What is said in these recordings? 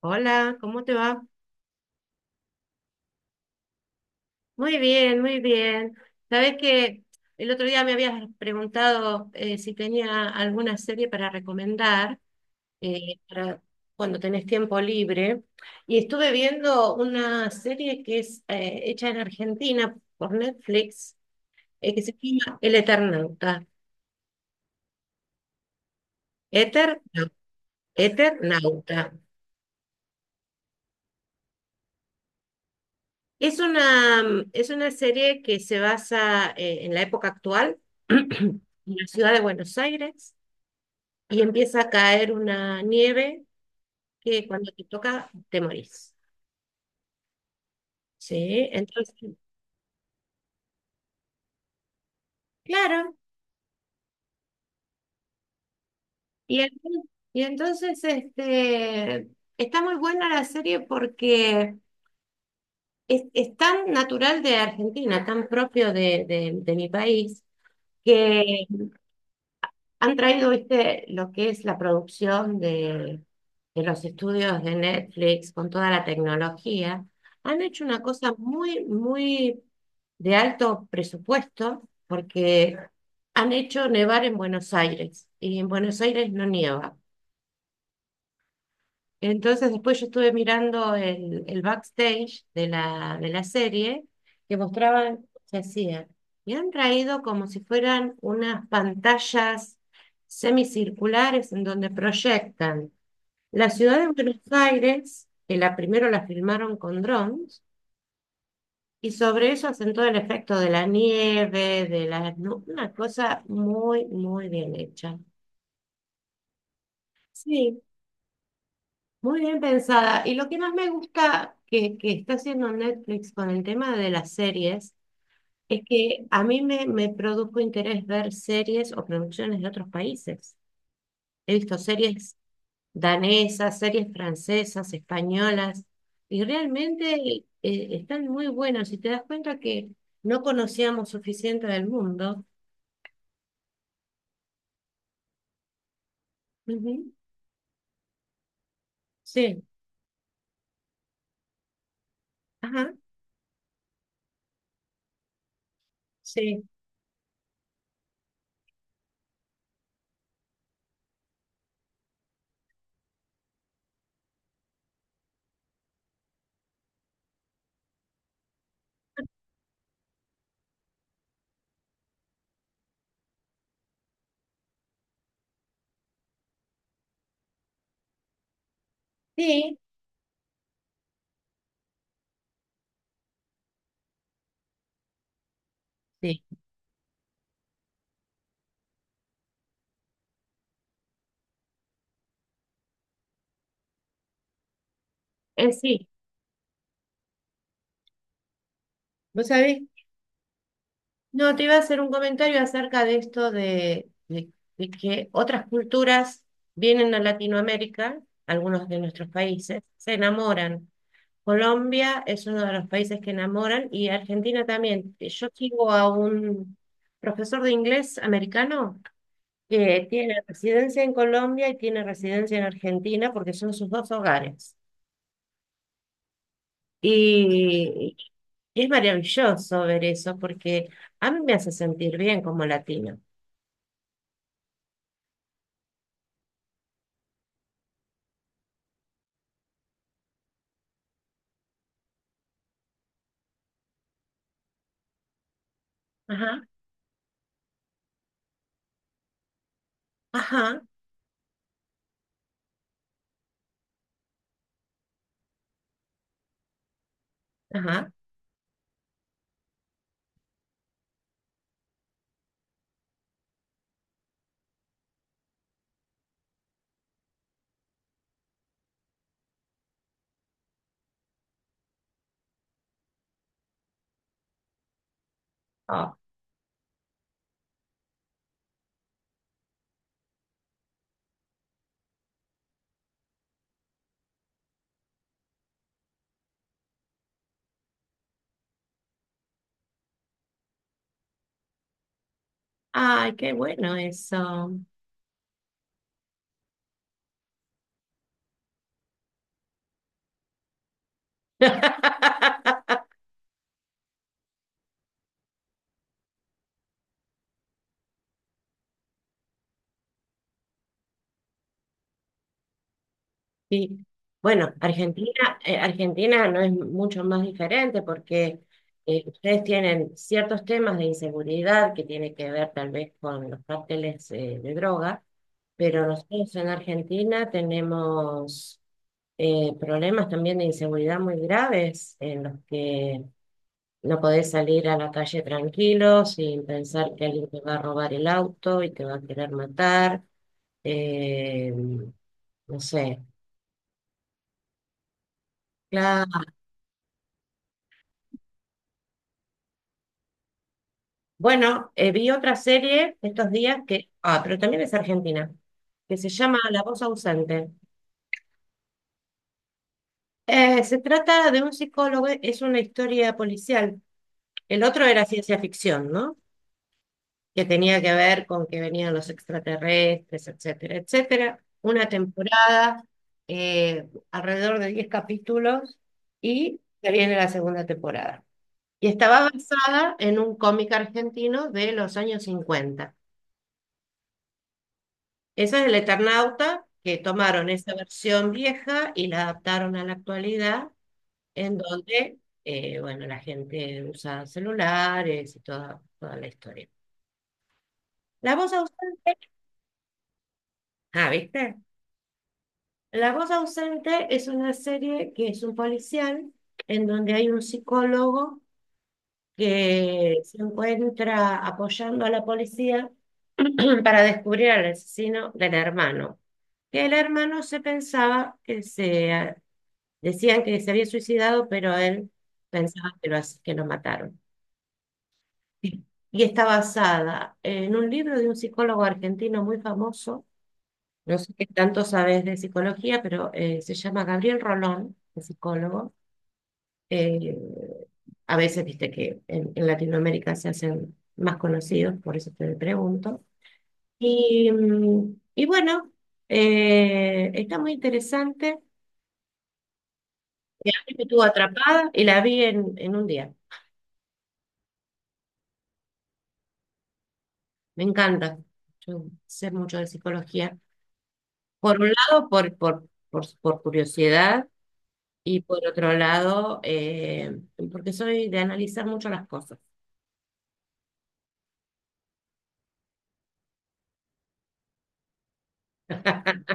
Hola, ¿cómo te va? Muy bien, muy bien. Sabes que el otro día me habías preguntado si tenía alguna serie para recomendar para cuando tenés tiempo libre. Y estuve viendo una serie que es hecha en Argentina por Netflix, que se llama El Eternauta. Eter, no, Eternauta. Es una serie que se basa en la época actual, en la ciudad de Buenos Aires y empieza a caer una nieve que cuando te toca te morís. Sí, entonces, claro, y, en- y entonces este, está muy buena la serie porque es tan natural de Argentina, tan propio de mi país, que han traído, viste, lo que es la producción de los estudios de Netflix con toda la tecnología. Han hecho una cosa muy, muy de alto presupuesto porque han hecho nevar en Buenos Aires, y en Buenos Aires no nieva. Entonces después yo estuve mirando el backstage de la serie, que mostraban qué hacían. Y han traído como si fueran unas pantallas semicirculares en donde proyectan la ciudad de Buenos Aires, que la primero la filmaron con drones, y sobre eso hacen todo el efecto de la nieve, de la, ¿no? Una cosa muy, muy bien hecha. Sí, muy bien pensada. Y lo que más me gusta que está haciendo Netflix con el tema de las series es que a mí me produjo interés ver series o producciones de otros países. He visto series danesas, series francesas, españolas, y realmente están muy buenas. Y te das cuenta que no conocíamos suficiente del mundo. Ujú. Sí, ajá, sí, sí, sí. Sí, ¿vos sabés? No, te iba a hacer un comentario acerca de esto de que otras culturas vienen a Latinoamérica, algunos de nuestros países, se enamoran. Colombia es uno de los países que enamoran, y Argentina también. Yo sigo a un profesor de inglés americano que tiene residencia en Colombia y tiene residencia en Argentina porque son sus dos hogares. Y es maravilloso ver eso porque a mí me hace sentir bien como latino. Ajá, ajá. Ah, ay, qué bueno eso. Sí. Bueno, Argentina, Argentina no es mucho más diferente porque ustedes tienen ciertos temas de inseguridad que tiene que ver tal vez con los cárteles de droga, pero nosotros en Argentina tenemos problemas también de inseguridad muy graves, en los que no podés salir a la calle tranquilo sin pensar que alguien te va a robar el auto y te va a querer matar. Eh, no sé. Claro. Bueno, vi otra serie estos días que, pero también es argentina, que se llama La voz ausente. Se trata de un psicólogo, es una historia policial. El otro era ciencia ficción, ¿no?, que tenía que ver con que venían los extraterrestres, etcétera, etcétera. Una temporada, alrededor de 10 capítulos, y se viene la segunda temporada. Y estaba basada en un cómic argentino de los años 50. Esa es El Eternauta, que tomaron esa versión vieja y la adaptaron a la actualidad, en donde, bueno, la gente usa celulares y toda la historia. La voz ausente, ah, ¿viste? La voz ausente es una serie que es un policial en donde hay un psicólogo que se encuentra apoyando a la policía para descubrir al asesino del hermano. Que el hermano se pensaba que se decían que se había suicidado, pero él pensaba que lo mataron. Y está basada en un libro de un psicólogo argentino muy famoso. No sé qué tanto sabes de psicología, pero se llama Gabriel Rolón, el psicólogo. Eh, a veces, viste que en Latinoamérica se hacen más conocidos, por eso te pregunto. Y bueno, está muy interesante. Y a mí me estuvo atrapada y la vi en un día. Me encanta. Yo sé mucho de psicología. Por un lado, por curiosidad, y por otro lado, porque soy de analizar mucho las cosas.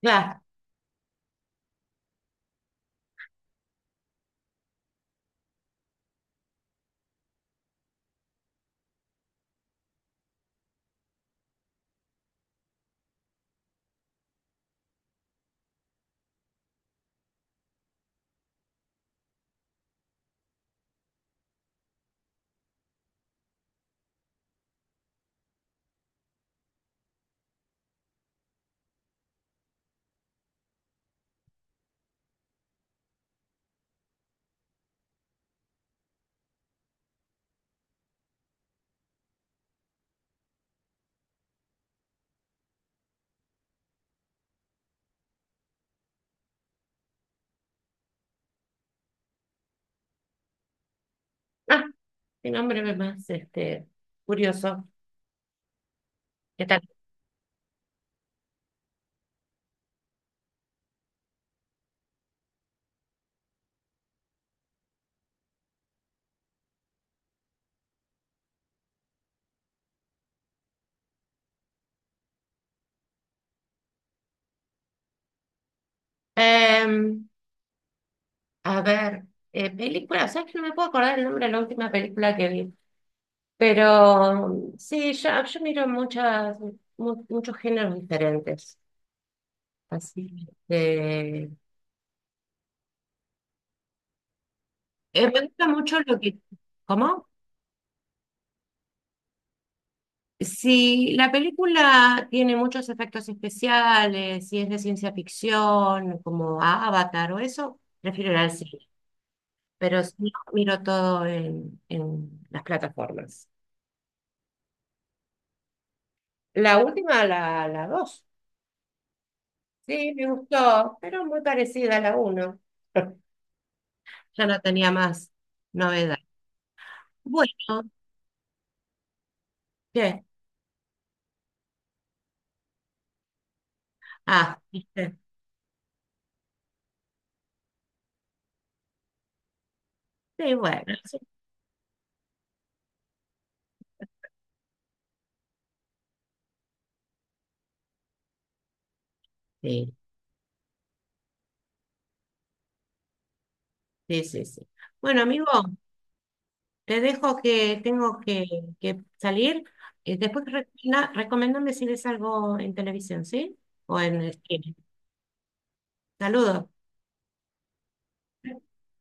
Claro. Ah, qué nombre más este, curioso. ¿Qué tal? Em, a ver, película, ¿sabes que no me puedo acordar el nombre de la última película que vi? Pero sí, yo miro muchos géneros diferentes. Así que, me gusta mucho lo que. ¿Cómo? Si la película tiene muchos efectos especiales, si es de ciencia ficción, como Avatar o eso, prefiero ir al cine. Pero si no, miro todo en las plataformas. La última, la dos. Sí, me gustó, pero muy parecida a la uno. Ya no tenía más novedad. Bueno, ¿qué? Ah, viste. Sí, bueno, sí, sí, sí, sí, sí. Bueno, amigo, te dejo que tengo que salir. Después recomendame si ves algo en televisión, ¿sí? O en el cine. Saludos.